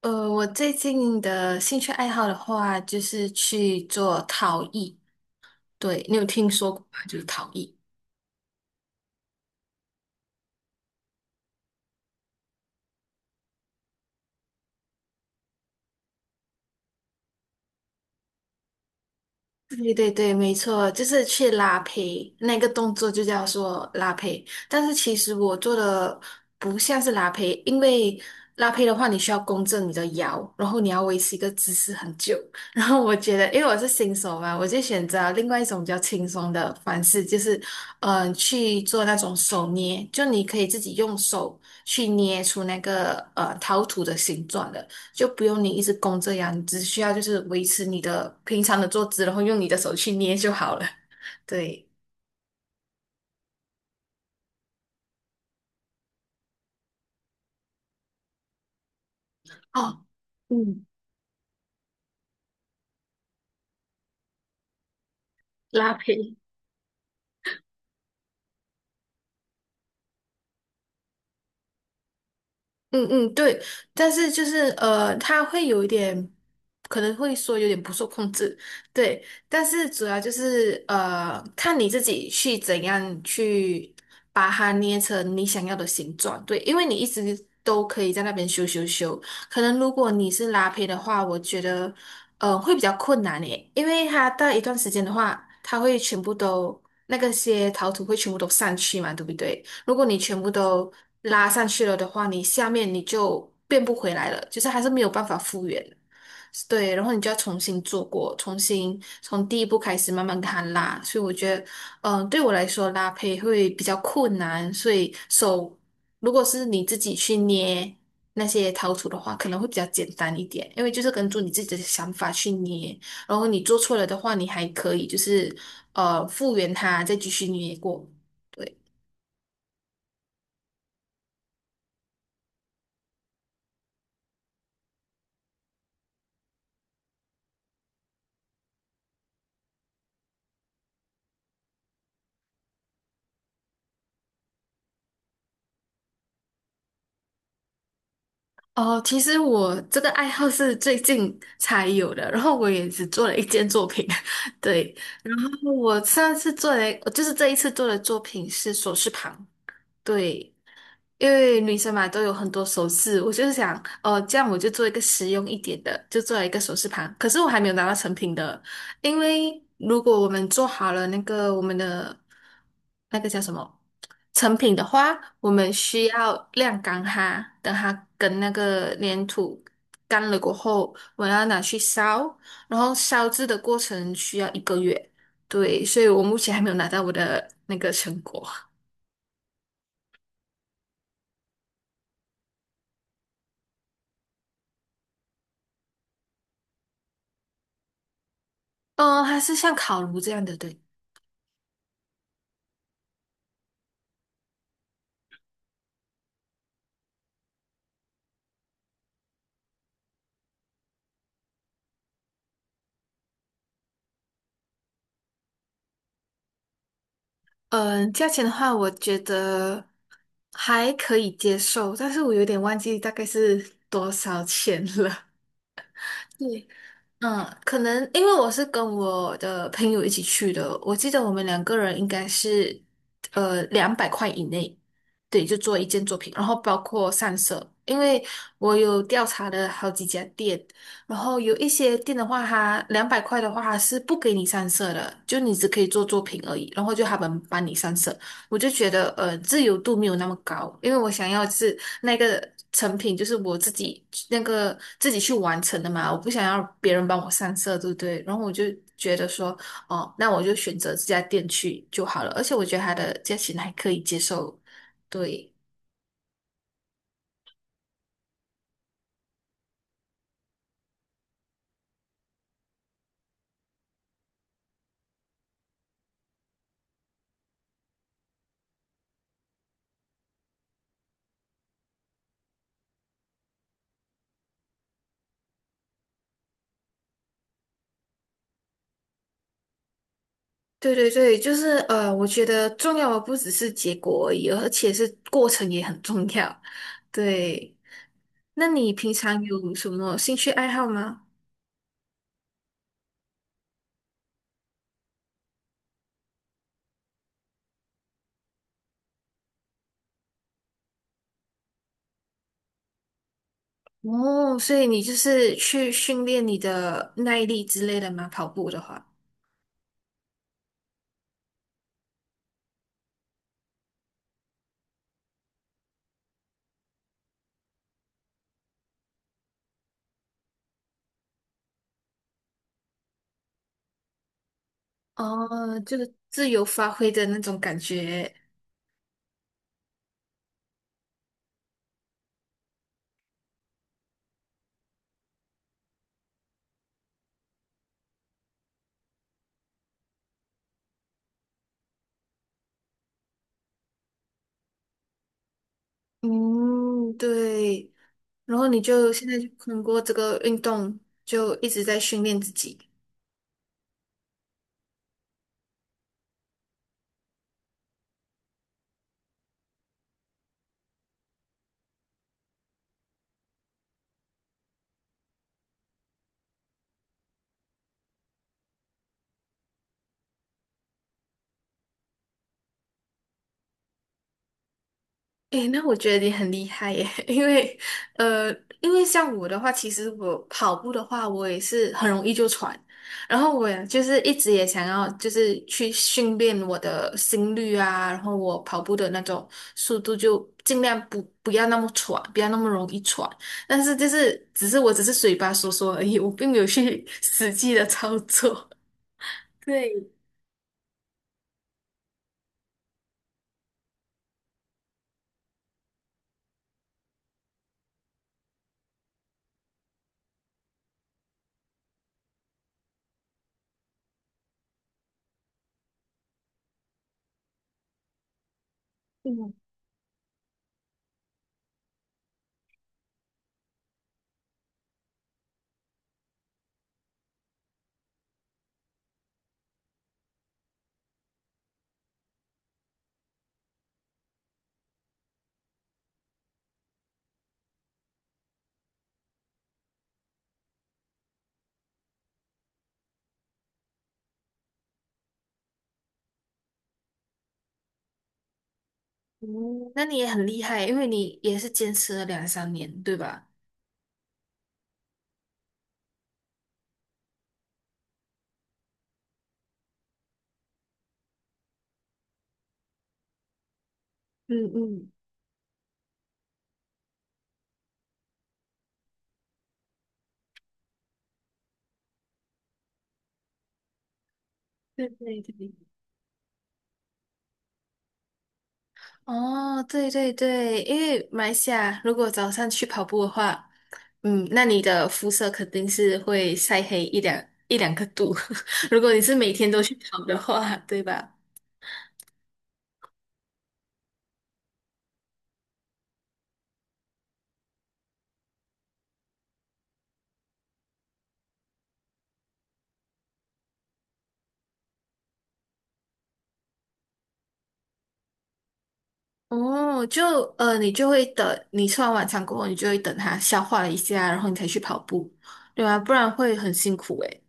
我最近的兴趣爱好的话，就是去做陶艺。对，你有听说过吗？就是陶艺。对对对，没错，就是去拉胚，那个动作就叫做拉胚。但是其实我做的不像是拉胚，因为拉胚的话，你需要弓正你的腰，然后你要维持一个姿势很久。然后我觉得，因为我是新手嘛，我就选择另外一种比较轻松的方式，就是去做那种手捏，就你可以自己用手去捏出那个陶土的形状的。就不用你一直弓这样，你只需要就是维持你的平常的坐姿，然后用你的手去捏就好了。对，哦，嗯，拉皮。嗯嗯，对，但是就是他会有一点，可能会说有点不受控制，对，但是主要就是看你自己去怎样去把它捏成你想要的形状，对，因为你一直都可以在那边修修修，可能如果你是拉胚的话，我觉得会比较困难诶，因为它到一段时间的话，它会全部都那个些陶土会全部都散去嘛，对不对？如果你全部都拉上去了的话，你下面你就变不回来了，就是还是没有办法复原的。对，然后你就要重新做过，重新从第一步开始慢慢给它拉。所以我觉得，对我来说拉胚会比较困难，所以手如果是你自己去捏那些陶土的话，可能会比较简单一点，因为就是根据你自己的想法去捏。然后你做错了的话，你还可以就是复原它，再继续捏过。对。哦，其实我这个爱好是最近才有的，然后我也只做了一件作品，对，然后我上次做的，就是这一次做的作品是首饰盘，对。因为女生嘛都有很多首饰，我就是想，哦，这样我就做一个实用一点的，就做了一个首饰盘。可是我还没有拿到成品的，因为如果我们做好了那个我们的那个叫什么成品的话，我们需要晾干它，等它跟那个粘土干了过后，我要拿去烧，然后烧制的过程需要1个月，对，所以我目前还没有拿到我的那个成果。嗯，还是像烤炉这样的，对。嗯，价钱的话，我觉得还可以接受，但是我有点忘记大概是多少钱了。对，嗯，可能因为我是跟我的朋友一起去的，我记得我们两个人应该是两百块以内，对，就做一件作品，然后包括上色，因为我有调查了好几家店，然后有一些店的话，它两百块的话，是不给你上色的，就你只可以做作品而已，然后就他们帮你上色。我就觉得自由度没有那么高，因为我想要是那个成品就是我自己那个自己去完成的嘛，我不想要别人帮我上色，对不对？然后我就觉得说，哦，那我就选择这家店去就好了，而且我觉得它的价钱还可以接受，对。对对对，就是我觉得重要的不只是结果而已，而且是过程也很重要。对，那你平常有什么兴趣爱好吗？哦，所以你就是去训练你的耐力之类的吗？跑步的话，哦，就是自由发挥的那种感觉。嗯，对。然后你就现在就通过这个运动，就一直在训练自己。诶，那我觉得你很厉害耶，因为呃，因为像我的话，其实我跑步的话，我也是很容易就喘，然后我也就是一直也想要就是去训练我的心率啊，然后我跑步的那种速度就尽量不要那么喘，不要那么容易喘，但是就是我只是嘴巴说说而已，我并没有去 实际的操作。对，嗯，嗯那你也很厉害，因为你也是坚持了2、3年，对吧？嗯嗯对对对，哦，对对对，因为马来西亚如果早上去跑步的话，嗯，那你的肤色肯定是会晒黑一两个度。如果你是每天都去跑的话，对吧？哦，就你就会等你吃完晚餐过后，你就会等它消化了一下，然后你才去跑步，对吧？不然会很辛苦诶。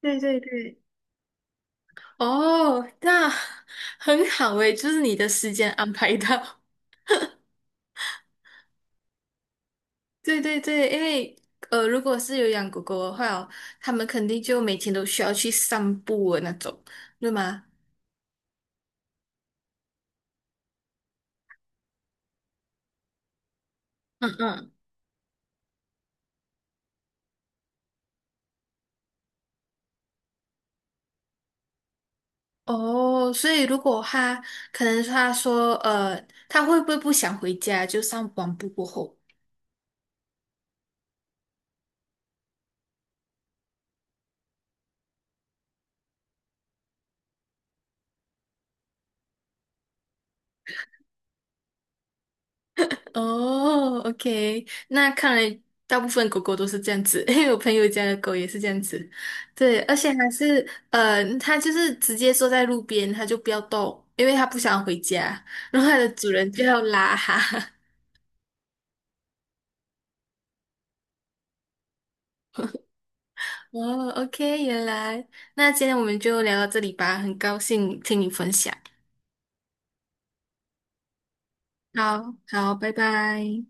对对对，哦，那很好诶，就是你的时间安排到。对对对，因为如果是有养狗狗的话哦，他们肯定就每天都需要去散步的那种，对吗？嗯嗯，哦，所以如果他可能他说他会不会不想回家，就上完步过后？哦，OK，那看来大部分狗狗都是这样子，因为我朋友家的狗也是这样子，对，而且还是它就是直接坐在路边，它就不要动，因为它不想回家，然后它的主人就要拉它。哦，OK，原来，那今天我们就聊到这里吧，很高兴听你分享。好，好，拜拜。